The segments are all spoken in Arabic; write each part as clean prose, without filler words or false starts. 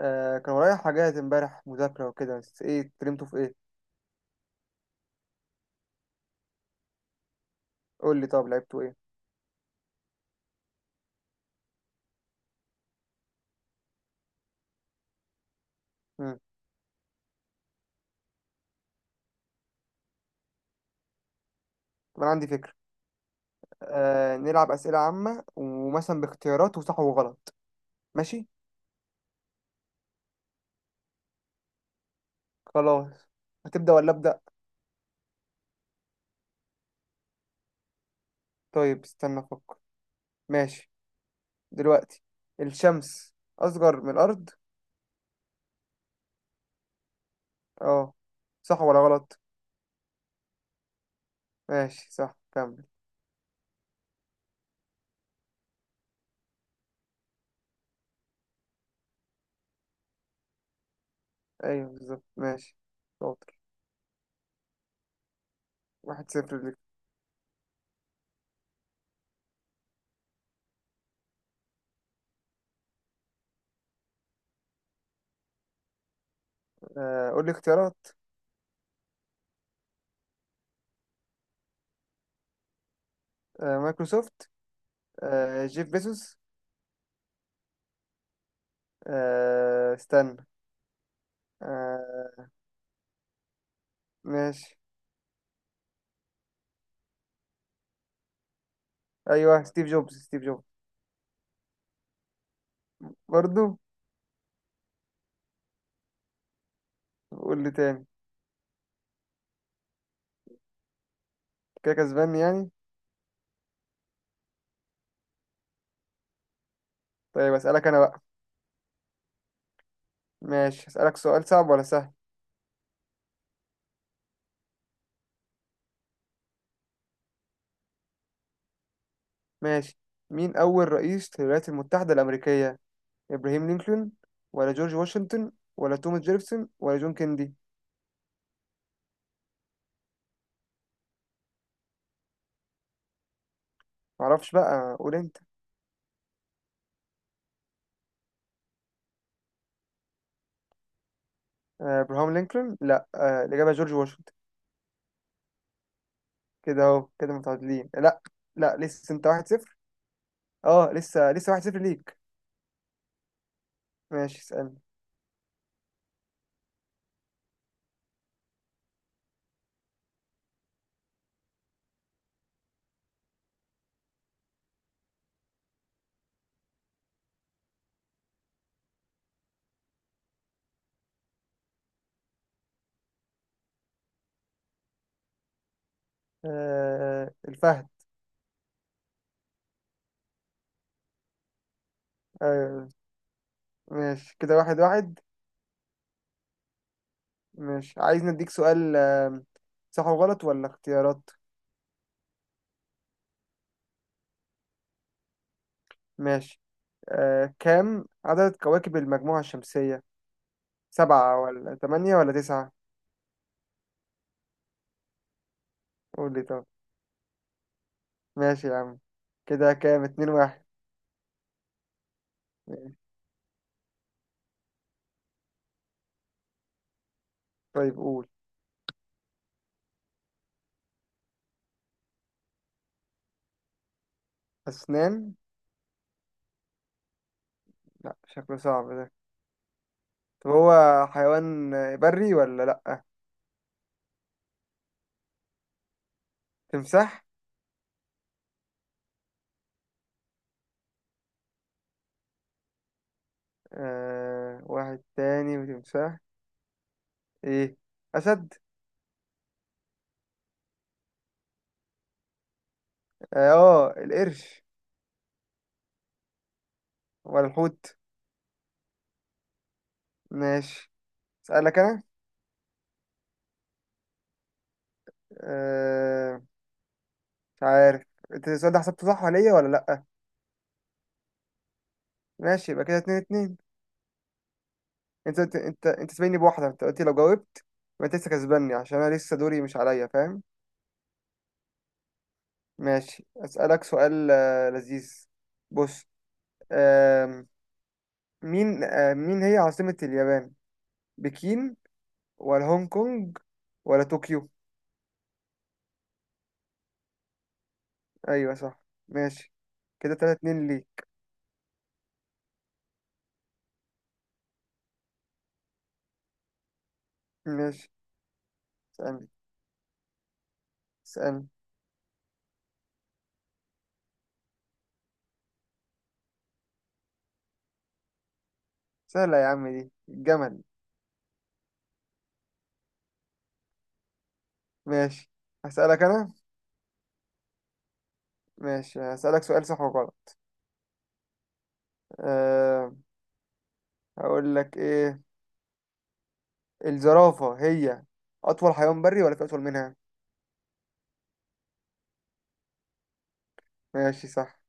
آه كان ورايا حاجات امبارح، مذاكرة وكده. بس ايه، اتكلمتوا في ايه؟ قول لي طب لعبتوا ايه. مم. طب انا عندي فكرة. آه، نلعب أسئلة عامة ومثلا باختيارات وصح وغلط. ماشي. خلاص، هتبدأ ولا أبدأ؟ طيب استنى أفكر. ماشي. دلوقتي، الشمس أصغر من الأرض. اه. صح ولا غلط؟ ماشي صح، كمل. أيوه بالظبط، ماشي. شاطر. واحد صفر ليك. قول لي اختيارات. مايكروسوفت. جيف بيزوس. استنى. آه. ماشي. ايوه، ستيف جوبز، ستيف جوبز. برضو. قول لي تاني. كده كسبان يعني؟ طيب اسالك انا بقى. ماشي، اسالك سؤال صعب ولا سهل؟ ماشي. مين اول رئيس للولايات المتحده الامريكيه؟ ابراهيم لينكولن، ولا جورج واشنطن، ولا توماس جيفرسون، ولا جون كيندي؟ معرفش بقى، قول انت. آه، ابراهام لينكولن. لا، آه، الاجابه جورج واشنطن. كده اهو، كده متعادلين. لا، لا، لسه انت واحد صفر. اه لسه، واحد صفر ليك. ماشي اسالني. آه، الفهد. آه، ماشي كده واحد واحد. ماشي، عايز نديك سؤال. صح وغلط ولا اختيارات؟ ماشي. كام عدد كواكب المجموعة الشمسية؟ سبعة، ولا تمانية، ولا تسعة؟ قول لي طب. ماشي يا عم. كده كام، اتنين واحد. ماشي. طيب قول. أسنان؟ لا شكله صعب ده. طب هو حيوان بري ولا لأ؟ تمساح. آه، واحد تاني وتمساح. ايه، أسد. اه، آه، القرش. ولا الحوت؟ ماشي، أسألك أنا. آه، مش عارف. انت السؤال ده حسبته صح عليا ولا لأ؟ ماشي، يبقى كده اتنين اتنين. انت سابقني بواحدة، انت قلت لو جاوبت يبقى انت لسه كسباني، عشان انا لسه دوري مش عليا، فاهم؟ ماشي، اسألك سؤال لذيذ. بص. آم، مين، مين هي عاصمة اليابان؟ بكين، ولا هونج كونج، ولا طوكيو؟ ايوه صح، ماشي. كده تلاتة اتنين ليك. ماشي. اسألني، اسألني. سهلة يا عم دي، الجمل. ماشي، هسألك انا. ماشي، هسألك سؤال صح وغلط. أه. هقول لك ايه، الزرافة هي أطول حيوان بري، ولا في أطول منها؟ ماشي صح.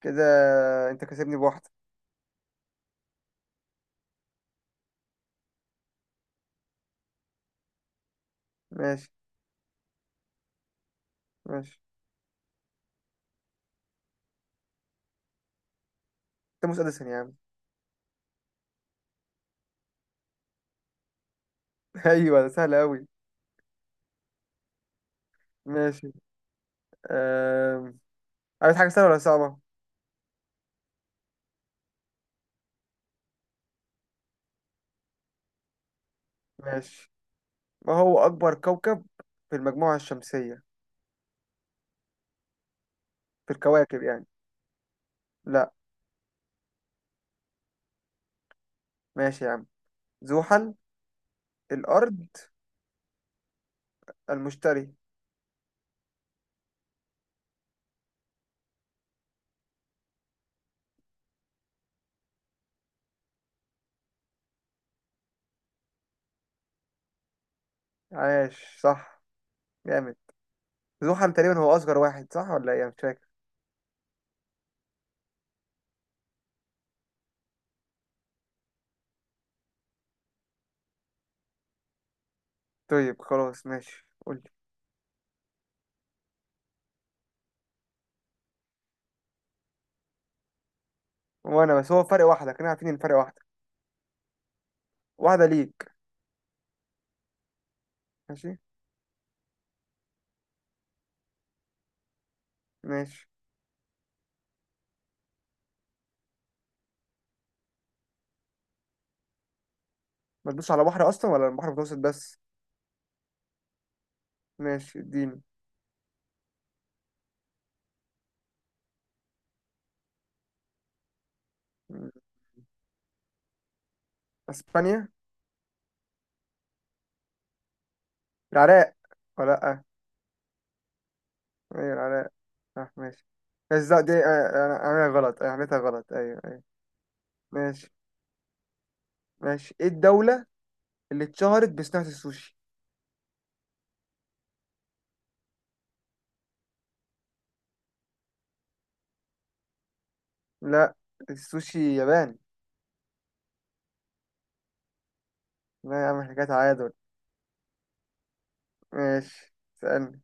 كده أنت كسبني بواحدة. ماشي. ماشي، توماس أديسون يا عم. أيوة ده سهل أوي. ماشي. أه، عايز حاجة سهلة ولا صعبة؟ ماشي. ما هو أكبر كوكب في المجموعة الشمسية؟ في الكواكب يعني، لا. ماشي يا عم. زحل، الأرض، المشتري. عاش صح. جامد. زحل تقريبا هو أصغر واحد، صح ولا إيه؟ أنا مش فاكر. طيب خلاص، ماشي، قول لي. وانا بس هو فرق واحدة، كنا عارفين ان فرق واحدة. واحدة ليك. ماشي. ماشي، ما تدوس على بحر اصلا، ولا البحر المتوسط بس؟ ماشي اديني. م. اسبانيا. العراق، ولا لا. ايوه العراق، صح. ماشي، بس دي، انا عاملها غلط، انا عملتها غلط، ايوه ايوه. ماشي. ماشي، ايه الدولة اللي اتشهرت بصناعة السوشي؟ لا، السوشي ياباني. لا يا عم، احنا كده تعادل. ماشي، سألني.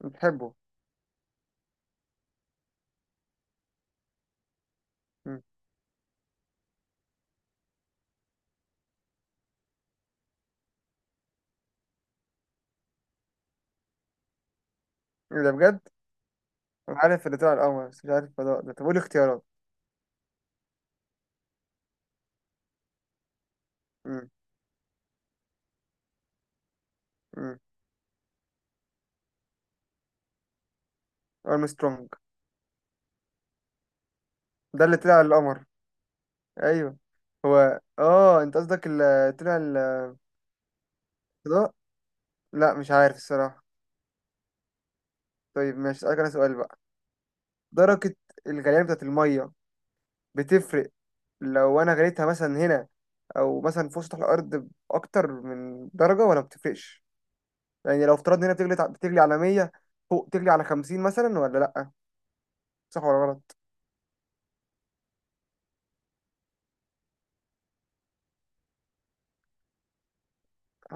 بتحبه. م. ايه ده بجد؟ انا عارف اللي طلع القمر بس مش عارف الفضاء ده. طب قول اختيارات. امم. امم. ارمسترونج ده اللي طلع القمر؟ ايوه. هو اه، انت قصدك اللي طلع الفضاء. لا مش عارف الصراحه. طيب ماشي، اسالك انا سؤال بقى. درجه الغليان بتاعت الميه بتفرق؟ لو انا غليتها مثلا هنا، او مثلا في سطح الارض، اكتر من درجه ولا بتفرقش؟ يعني لو افترضنا هنا بتغلي على 100، فوق تغلي على 50 مثلا ولا لا. صح ولا غلط؟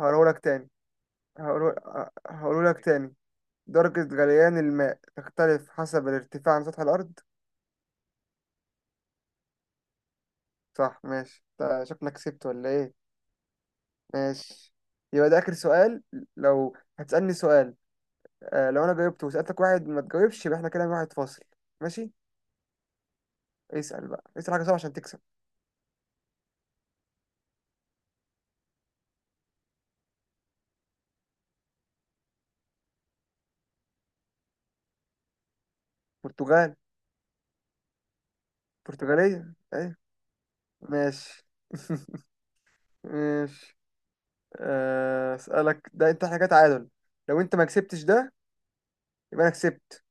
هقوله لك تاني. هقوله، هقوله لك تاني. درجة غليان الماء تختلف حسب الارتفاع عن سطح الأرض. صح ماشي. شكلك كسبت ولا إيه؟ ماشي. يبقى ده آخر سؤال. لو هتسألني سؤال، آه، لو أنا جاوبته وسألتك واحد ما تجاوبش، يبقى إحنا كده واحد فاصل. ماشي. اسأل بقى، اسأل حاجة صعبة عشان تكسب. برتغال. برتغالية، أيوة. ماشي ماشي. آه، أسألك ده أنت، حاجة تعادل، لو أنت ما كسبتش ده يبقى أنا كسبت.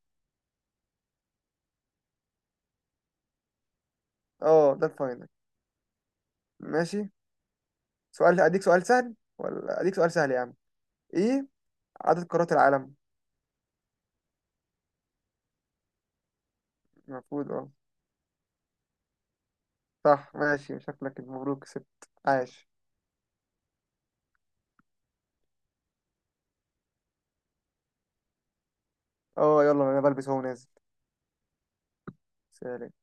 أه ده الفاينل. ماشي. سؤال، أديك سؤال سهل ولا أديك سؤال سهل يا عم. إيه عدد قارات العالم؟ المفروض اه. صح ماشي، شكلك مبروك كسبت. عاش. اه يلا، انا بلبس اهو نازل. سلام.